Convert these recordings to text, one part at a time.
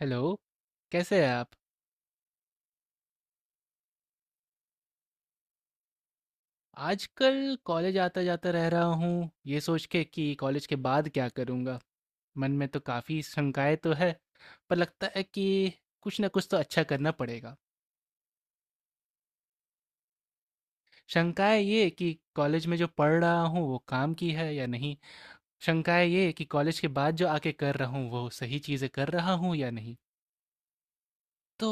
Hello. कैसे हैं आप? आजकल कॉलेज आता जाता रह रहा हूँ ये सोच के कि कॉलेज के बाद क्या करूँगा। मन में तो काफ़ी शंकाएं तो है, पर लगता है कि कुछ ना कुछ तो अच्छा करना पड़ेगा। शंकाएं ये कि कॉलेज में जो पढ़ रहा हूँ वो काम की है या नहीं। शंकाएं ये कि कॉलेज के बाद जो आके कर रहा हूँ वो सही चीज़ें कर रहा हूँ या नहीं। तो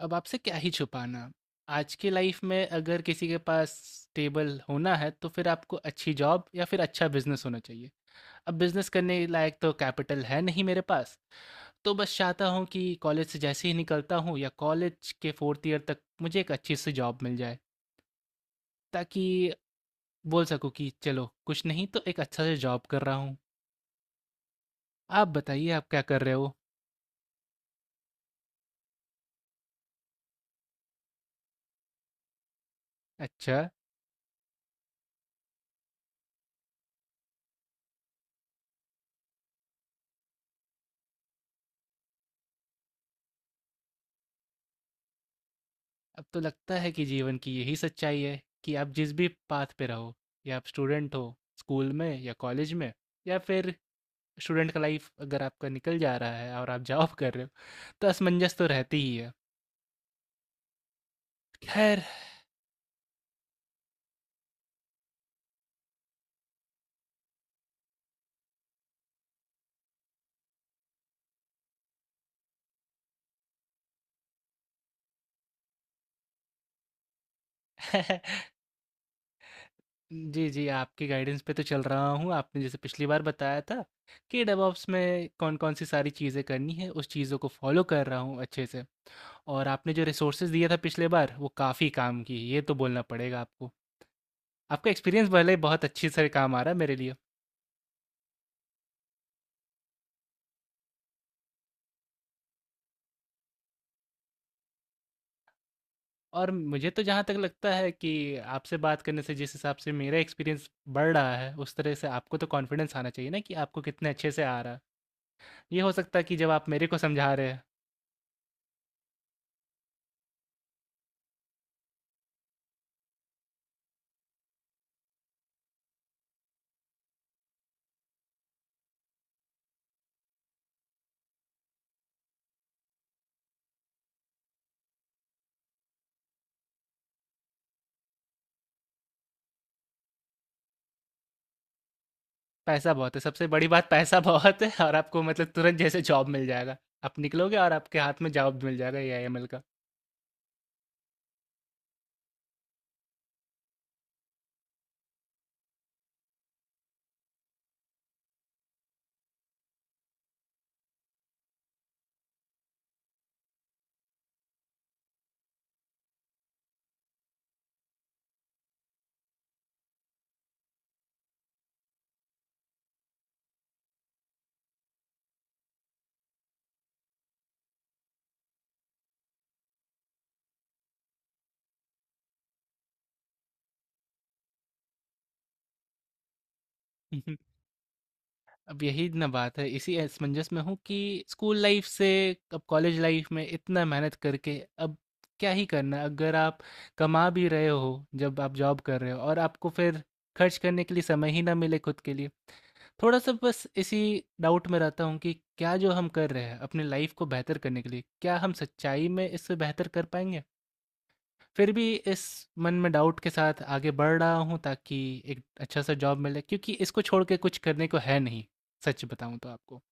अब आपसे क्या ही छुपाना। आज की लाइफ़ में अगर किसी के पास स्टेबल होना है, तो फिर आपको अच्छी जॉब या फिर अच्छा बिज़नेस होना चाहिए। अब बिज़नेस करने लायक तो कैपिटल है नहीं मेरे पास, तो बस चाहता हूँ कि कॉलेज से जैसे ही निकलता हूँ या कॉलेज के 4th ईयर तक मुझे एक अच्छी सी जॉब मिल जाए, ताकि बोल सकूँ कि चलो, कुछ नहीं तो एक अच्छा सा जॉब कर रहा हूँ। आप बताइए, आप क्या कर रहे हो? अच्छा। अब तो लगता है कि जीवन की यही सच्चाई है कि आप जिस भी पाथ पे रहो, या आप स्टूडेंट हो स्कूल में या कॉलेज में, या फिर स्टूडेंट का लाइफ अगर आपका निकल जा रहा है और आप जॉब कर रहे हो, तो असमंजस तो रहती ही है। खैर। जी जी, आपके गाइडेंस पे तो चल रहा हूँ। आपने जैसे पिछली बार बताया था कि डेवऑप्स में कौन कौन सी सारी चीज़ें करनी है, उस चीज़ों को फॉलो कर रहा हूँ अच्छे से। और आपने जो रिसोर्सेज दिया था पिछले बार, वो काफ़ी काम की, ये तो बोलना पड़ेगा आपको। आपका एक्सपीरियंस भले ही बहुत अच्छे से काम आ रहा है मेरे लिए। और मुझे तो जहाँ तक लगता है कि आपसे बात करने से जिस हिसाब से मेरा एक्सपीरियंस बढ़ रहा है, उस तरह से आपको तो कॉन्फिडेंस आना चाहिए ना कि आपको कितने अच्छे से आ रहा है। ये हो सकता है कि जब आप मेरे को समझा रहे हैं। पैसा बहुत है, सबसे बड़ी बात पैसा बहुत है, और आपको मतलब तुरंत जैसे जॉब मिल जाएगा। आप निकलोगे और आपके हाथ में जॉब मिल जाएगा ए आई एम एल का। अब यही ना बात है, इसी असमंजस में हूँ कि स्कूल लाइफ से अब कॉलेज लाइफ में इतना मेहनत करके अब क्या ही करना अगर आप कमा भी रहे हो, जब आप जॉब कर रहे हो और आपको फिर खर्च करने के लिए समय ही ना मिले खुद के लिए। थोड़ा सा बस इसी डाउट में रहता हूँ कि क्या जो हम कर रहे हैं अपने लाइफ को बेहतर करने के लिए, क्या हम सच्चाई में इससे बेहतर कर पाएंगे? फिर भी इस मन में डाउट के साथ आगे बढ़ रहा हूँ ताकि एक अच्छा सा जॉब मिले, क्योंकि इसको छोड़ के कुछ करने को है नहीं, सच बताऊं तो आपको।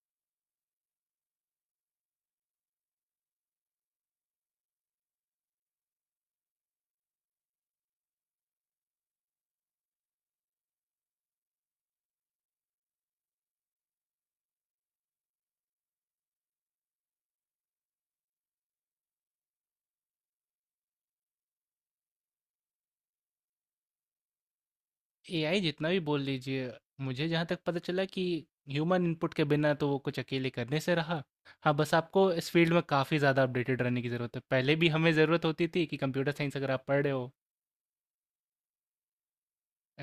एआई जितना भी बोल लीजिए, मुझे जहाँ तक पता चला कि ह्यूमन इनपुट के बिना तो वो कुछ अकेले करने से रहा। हाँ, बस आपको इस फील्ड में काफ़ी ज़्यादा अपडेटेड रहने की ज़रूरत है। पहले भी हमें ज़रूरत होती थी कि कंप्यूटर साइंस अगर आप पढ़ रहे हो।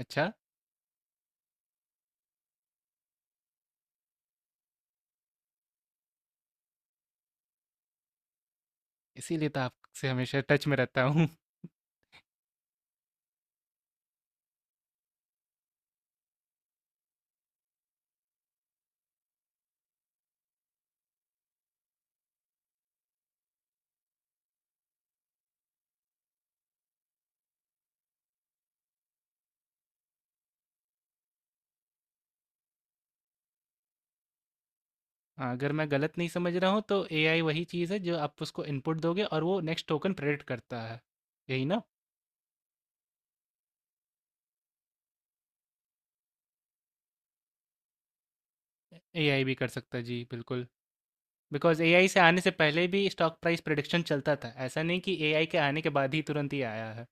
अच्छा। इसीलिए तो आपसे हमेशा टच में रहता हूँ। हाँ, अगर मैं गलत नहीं समझ रहा हूँ तो एआई वही चीज़ है जो आप उसको इनपुट दोगे और वो नेक्स्ट टोकन प्रेडिक्ट करता है। यही ना? एआई भी कर सकता है जी, बिल्कुल। बिकॉज एआई से आने से पहले भी स्टॉक प्राइस प्रिडिक्शन चलता था, ऐसा नहीं कि एआई के आने के बाद ही तुरंत ही आया है।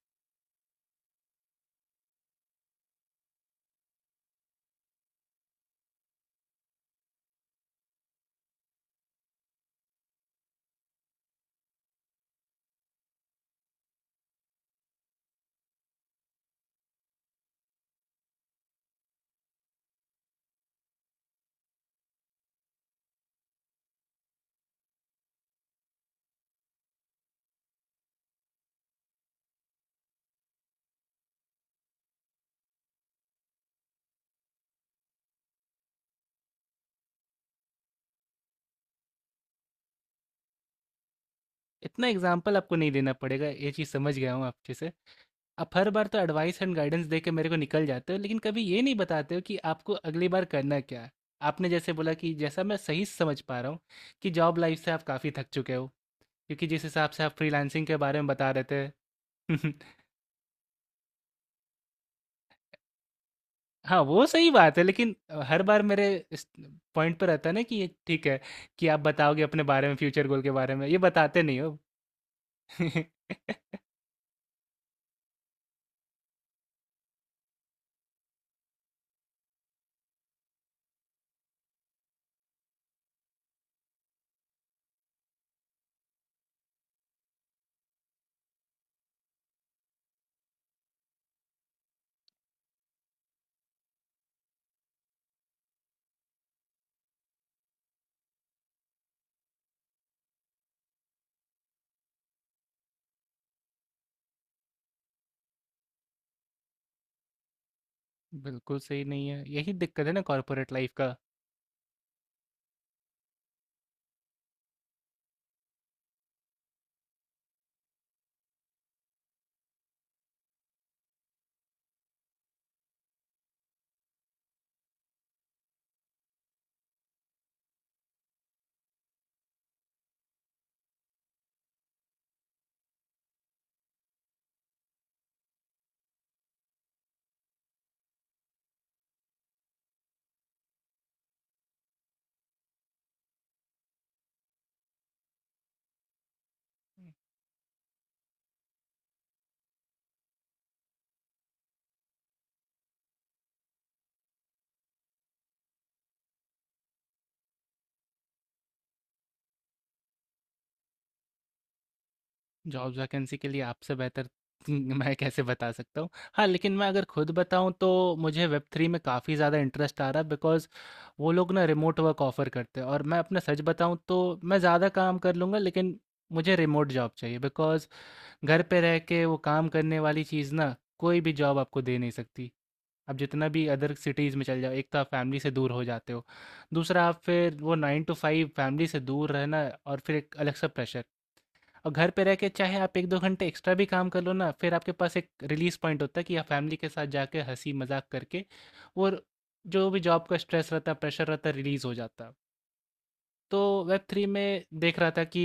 इतना एग्जाम्पल आपको नहीं देना पड़ेगा, ये चीज़ समझ गया हूँ आपके से। आप हर बार तो एडवाइस एंड गाइडेंस दे के मेरे को निकल जाते हो, लेकिन कभी ये नहीं बताते हो कि आपको अगली बार करना क्या है। आपने जैसे बोला कि जैसा मैं सही समझ पा रहा हूँ कि जॉब लाइफ से आप काफ़ी थक चुके हो, क्योंकि जिस हिसाब से आप फ्रीलांसिंग के बारे में बता रहे थे। हाँ, वो सही बात है, लेकिन हर बार मेरे इस पॉइंट पर रहता है ना कि ये ठीक है कि आप बताओगे अपने बारे में, फ्यूचर गोल के बारे में ये बताते नहीं हो। बिल्कुल सही नहीं है, यही दिक्कत है ना कॉर्पोरेट लाइफ का। जॉब्स वैकेंसी के लिए आपसे बेहतर मैं कैसे बता सकता हूँ? हाँ, लेकिन मैं अगर खुद बताऊँ तो मुझे वेब थ्री में काफ़ी ज़्यादा इंटरेस्ट आ रहा है, बिकॉज़ वो लोग ना रिमोट वर्क ऑफर करते हैं। और मैं अपना सच बताऊँ तो मैं ज़्यादा काम कर लूँगा, लेकिन मुझे रिमोट जॉब चाहिए, बिकॉज़ घर पे रह के वो काम करने वाली चीज़ ना कोई भी जॉब आपको दे नहीं सकती। आप जितना भी अदर सिटीज़ में चल जाओ, एक तो आप फैमिली से दूर हो जाते हो, दूसरा आप फिर वो 9 to 5, फैमिली से दूर रहना, और फिर एक अलग सा प्रेशर। और घर पे रह के चाहे आप 1-2 घंटे एक्स्ट्रा भी काम कर लो ना, फिर आपके पास एक रिलीज़ पॉइंट होता है कि आप फैमिली के साथ जाके हँसी-मज़ाक करके और जो भी जॉब का स्ट्रेस रहता है, प्रेशर रहता है, रिलीज़ हो जाता है। तो वेब 3 में देख रहा था कि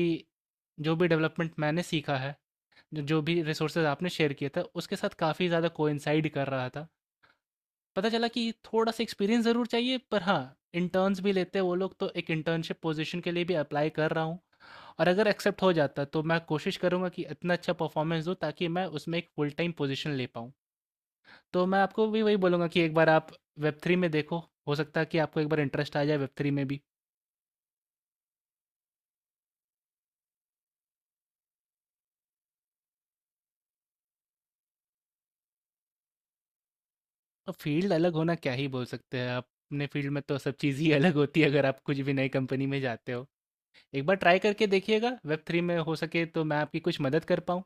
जो भी डेवलपमेंट मैंने सीखा है, ज जो भी रिसोर्सेज़ आपने शेयर किए थे, उसके साथ काफ़ी ज़्यादा कोइंसाइड कर रहा था। पता चला कि थोड़ा-सा एक्सपीरियंस ज़रूर चाहिए, पर हाँ, इंटर्न्स भी लेते हैं वो लोग, तो एक इंटर्नशिप पोज़ीशन के लिए भी अप्लाई कर रहा हूँ। और अगर एक्सेप्ट हो जाता तो मैं कोशिश करूँगा कि इतना अच्छा परफॉर्मेंस दूँ ताकि मैं उसमें एक फुल टाइम पोजीशन ले पाऊँ। तो मैं आपको भी वही बोलूँगा कि एक बार आप वेब 3 में देखो, हो सकता है कि आपको एक बार इंटरेस्ट आ जाए वेब 3 में भी। और फील्ड अलग होना क्या ही बोल सकते हैं आप, अपने फील्ड में तो सब चीज़ ही अलग होती है अगर आप कुछ भी नई कंपनी में जाते हो। एक बार ट्राई करके देखिएगा, वेब 3 में हो सके तो मैं आपकी कुछ मदद कर पाऊँ।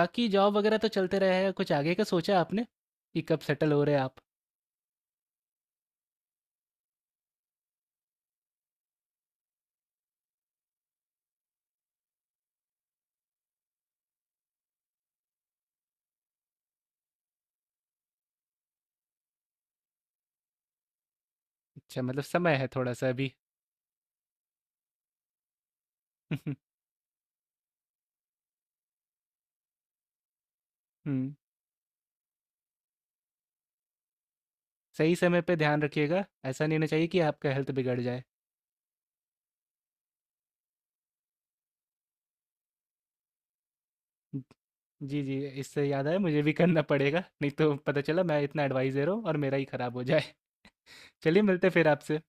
बाकी जॉब वगैरह तो चलते रहेगा, कुछ आगे का सोचा आपने? कि कब सेटल हो रहे हैं आप? अच्छा, मतलब समय है थोड़ा-सा अभी। हुँ। सही समय पे ध्यान रखिएगा, ऐसा नहीं होना चाहिए कि आपका हेल्थ बिगड़ जाए। जी, जी, इससे याद आया, मुझे भी करना पड़ेगा, नहीं तो पता चला मैं इतना एडवाइस दे रहा हूँ और मेरा ही खराब हो जाए। चलिए, मिलते हैं फिर आपसे।